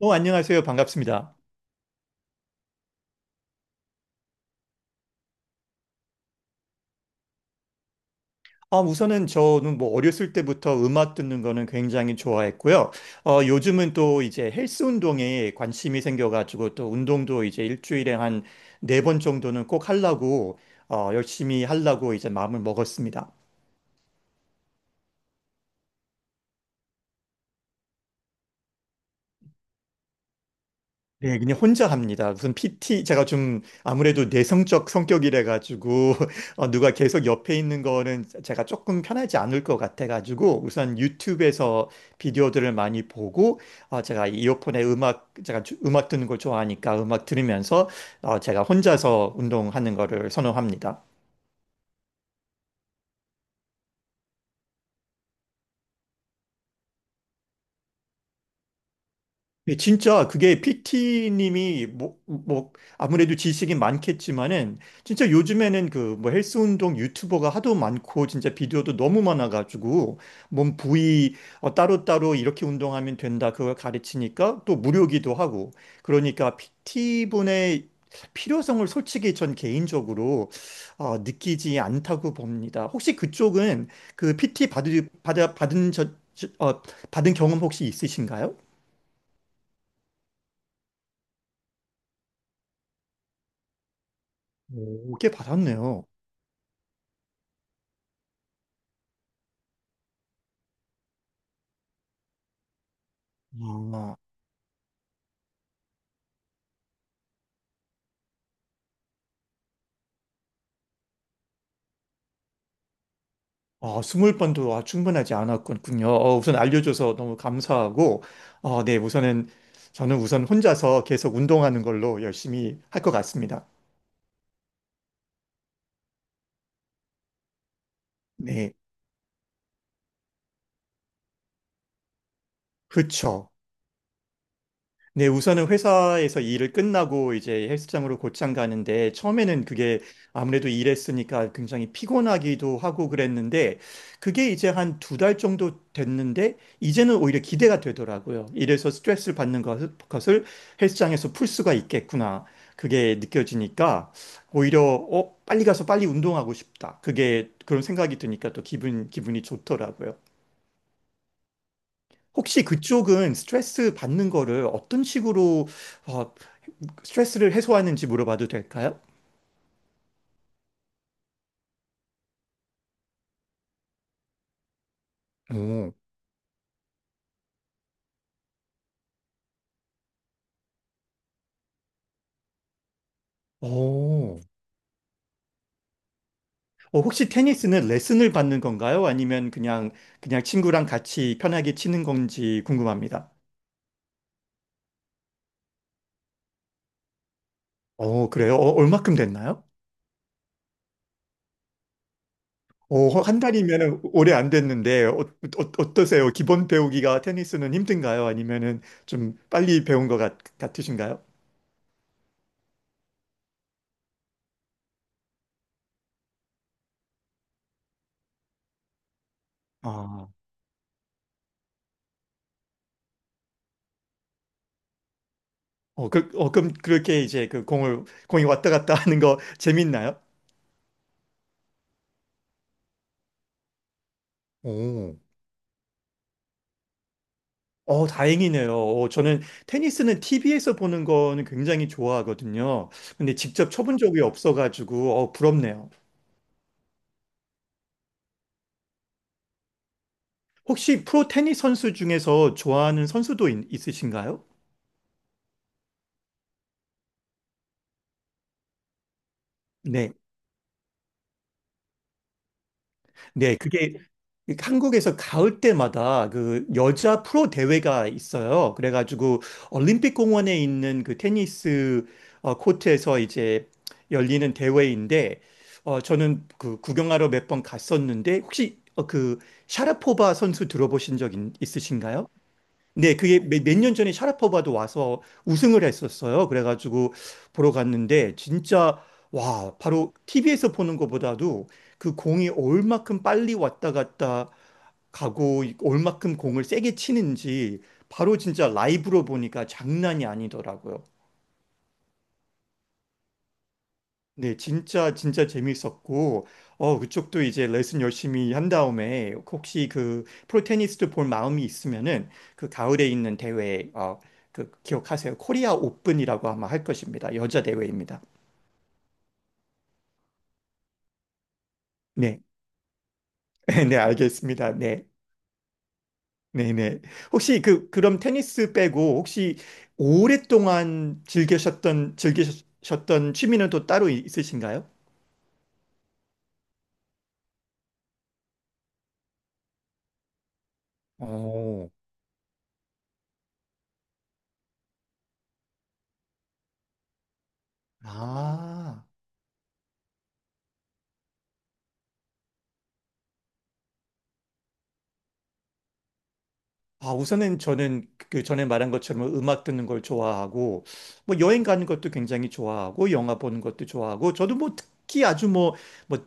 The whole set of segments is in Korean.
안녕하세요. 반갑습니다. 우선은 저는 뭐 어렸을 때부터 음악 듣는 거는 굉장히 좋아했고요. 요즘은 또 이제 헬스 운동에 관심이 생겨가지고 또 운동도 이제 일주일에 한 네 번 정도는 꼭 하려고, 열심히 하려고 이제 마음을 먹었습니다. 네, 그냥 혼자 합니다. 무슨 PT, 제가 좀 아무래도 내성적 성격이라 가지고, 누가 계속 옆에 있는 거는 제가 조금 편하지 않을 것 같아 가지고, 우선 유튜브에서 비디오들을 많이 보고, 제가 이어폰에 음악, 제가 음악 듣는 걸 좋아하니까 음악 들으면서, 제가 혼자서 운동하는 거를 선호합니다. 예, 진짜 그게 PT님이 뭐 아무래도 지식이 많겠지만은 진짜 요즘에는 그 뭐 헬스 운동 유튜버가 하도 많고 진짜 비디오도 너무 많아가지고 몸 부위 따로따로 이렇게 운동하면 된다 그걸 가르치니까 또 무료기도 하고 그러니까 PT분의 필요성을 솔직히 전 개인적으로 느끼지 않다고 봅니다. 혹시 그쪽은 그 PT 받으, 받아, 받은 저, 저- 어, 받은 경험 혹시 있으신가요? 오, 꽤 받았네요. 아, 20번도 충분하지 않았군요. 우선 알려줘서 너무 감사하고, 네, 우선은, 저는 우선 혼자서 계속 운동하는 걸로 열심히 할 것 같습니다. 네, 그쵸. 네, 우선은 회사에서 일을 끝나고 이제 헬스장으로 곧장 가는데 처음에는 그게 아무래도 일했으니까 굉장히 피곤하기도 하고 그랬는데 그게 이제 한 두 달 정도 됐는데 이제는 오히려 기대가 되더라고요. 이래서 스트레스를 받는 것을 헬스장에서 풀 수가 있겠구나. 그게 느껴지니까 오히려 빨리 가서 빨리 운동하고 싶다. 그게 그런 생각이 드니까 또 기분이 좋더라고요. 혹시 그쪽은 스트레스 받는 거를 어떤 식으로 어, 스트레스를 해소하는지 물어봐도 될까요? 오, 오, 혹시 테니스는 레슨을 받는 건가요? 아니면 그냥 친구랑 같이 편하게 치는 건지 궁금합니다. 그래요? 얼마큼 됐나요? 한 달이면 오래 안 됐는데 떠세요 기본 배우기가 테니스는 힘든가요? 아니면은 좀 빨리 배운 것 같으신가요? 아, 그, 럼 그렇게 이제 그 공을 공이 왔다 갔다 하는 거 재밌나요? 오. 다행이네요. 저는 테니스는 TV에서 보는 거는 굉장히 좋아하거든요. 근데 직접 쳐본 적이 없어가지고, 부럽네요. 혹시 프로 테니스 선수 중에서 좋아하는 선수도 있으신가요? 네. 네, 그게 한국에서 가을 때마다 그 여자 프로 대회가 있어요. 그래가지고 올림픽 공원에 있는 그 테니스 코트에서 이제 열리는 대회인데, 저는 그 구경하러 몇 번 갔었는데, 혹시 그 샤라포바 선수 들어보신 적 있으신가요? 네, 그게 몇 년 전에 샤라포바도 와서 우승을 했었어요. 그래가지고 보러 갔는데 진짜 와, 바로 TV에서 보는 것보다도 그 공이 얼만큼 빨리 왔다 갔다 가고 얼만큼 공을 세게 치는지 바로 진짜 라이브로 보니까 장난이 아니더라고요. 네, 진짜 진짜 재밌었고 그쪽도 이제 레슨 열심히 한 다음에 혹시 그 프로테니스도 볼 마음이 있으면은 그 가을에 있는 대회 어그 기억하세요. 코리아 오픈이라고 아마 할 것입니다. 여자 대회입니다. 네. 네, 알겠습니다. 네. 네, 네. 혹시 그 그럼 테니스 빼고 혹시 오랫동안 즐기셨던 취미는 또 따로 있으신가요? 오. 아. 우선은 저는 그 전에 말한 것처럼 음악 듣는 걸 좋아하고, 뭐 여행 가는 것도 굉장히 좋아하고, 영화 보는 것도 좋아하고, 저도 뭐 특히 아주 뭐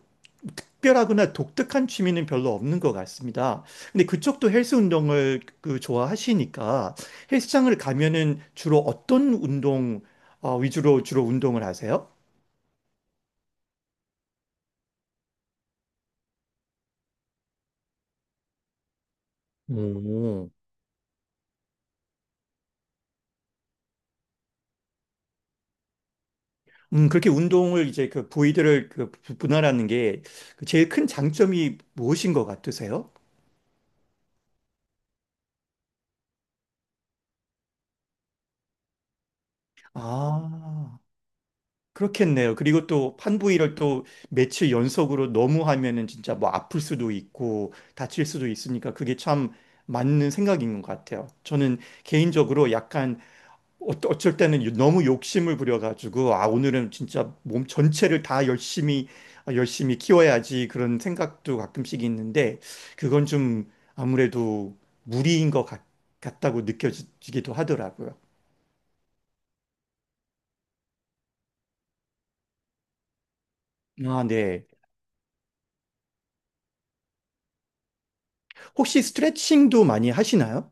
특별하거나 독특한 취미는 별로 없는 것 같습니다. 근데 그쪽도 헬스 운동을 그 좋아하시니까 헬스장을 가면은 주로 어떤 운동 위주로 주로 운동을 하세요? 오. 그렇게 운동을 이제 그 부위들을 그 분할하는 게그 제일 큰 장점이 무엇인 것 같으세요? 아, 그렇겠네요. 그리고 또 판부위를 또 며칠 연속으로 너무 하면은 진짜 뭐 아플 수도 있고 다칠 수도 있으니까 그게 참 맞는 생각인 것 같아요. 저는 개인적으로 약간 어쩔 때는 너무 욕심을 부려가지고 오늘은 진짜 몸 전체를 다 열심히 열심히 키워야지 그런 생각도 가끔씩 있는데 그건 좀 아무래도 무리인 것 같다고 느껴지기도 하더라고요. 아, 네. 혹시 스트레칭도 많이 하시나요?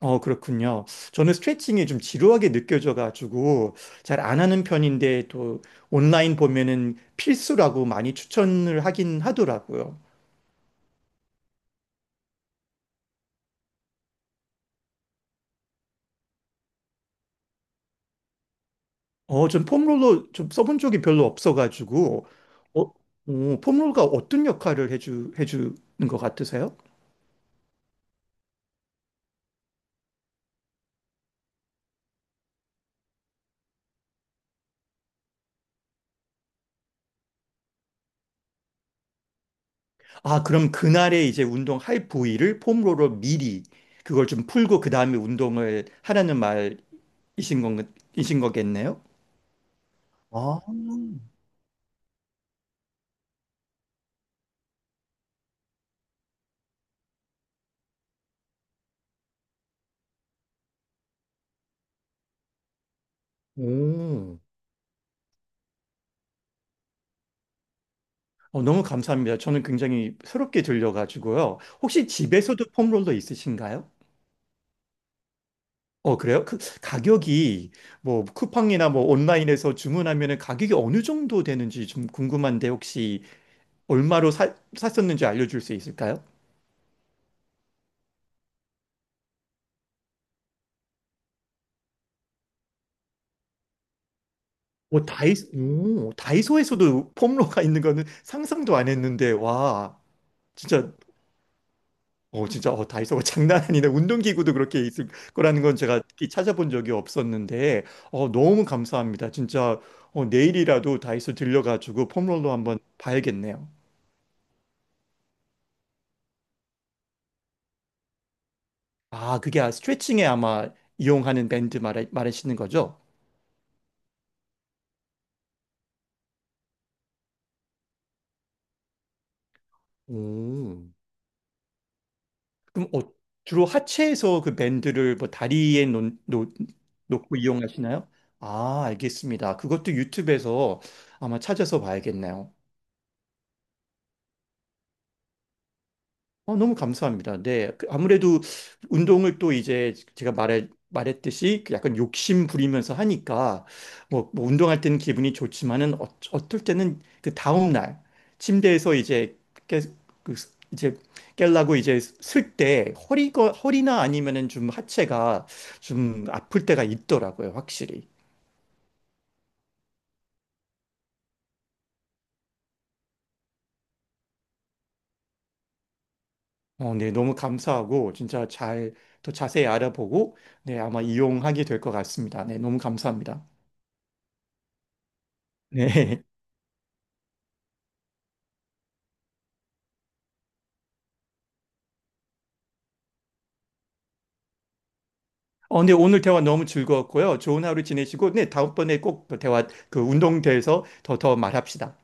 그렇군요. 저는 스트레칭이 좀 지루하게 느껴져가지고 잘 안 하는 편인데 또 온라인 보면은 필수라고 많이 추천을 하긴 하더라고요. 전 폼롤러 좀 써본 적이 별로 없어가지고 폼롤러가 어떤 역할을 해주는 것 같으세요? 그럼 그날에 이제 운동할 부위를 폼롤러 미리 그걸 좀 풀고 그 다음에 운동을 하라는 말이신 이신 거겠네요? 아, 오, 너무 감사합니다. 저는 굉장히 새롭게 들려가지고요. 혹시 집에서도 폼롤러 있으신가요? 그래요? 그 가격이 뭐 쿠팡이나 뭐 온라인에서 주문하면은 가격이 어느 정도 되는지 좀 궁금한데 혹시 얼마로 샀었는지 알려줄 수 있을까요? 오, 다이소, 오, 다이소에서도 폼롤러가 있는 거는 상상도 안 했는데 와, 진짜 진짜, 다이소가 장난 아니네. 운동기구도 그렇게 있을 거라는 건 제가 특히 찾아본 적이 없었는데, 너무 감사합니다. 진짜, 내일이라도 다이소 들려가지고 폼롤러 한번 봐야겠네요. 그게 스트레칭에 아마 이용하는 밴드 말하시는 거죠? 오. 그럼, 주로 하체에서 그 밴드를 뭐 다리에 놓고 이용하시나요? 알겠습니다. 그것도 유튜브에서 아마 찾아서 봐야겠네요. 너무 감사합니다. 네. 그 아무래도 운동을 또 이제 제가 말했듯이 그 약간 욕심 부리면서 하니까 뭐 운동할 때는 기분이 좋지만은 어떨 때는 그 다음날 침대에서 깨, 이제 깨려고 이제 쓸 때 허리나 아니면은 좀 하체가 좀 아플 때가 있더라고요. 확실히. 네. 너무 감사하고 진짜 잘 더 자세히 알아보고 네. 아마 이용하게 될 것 같습니다. 네. 너무 감사합니다. 네. 네, 오늘 대화 너무 즐거웠고요. 좋은 하루 지내시고, 네, 다음번에 꼭 대화, 그 운동대에서 더 말합시다.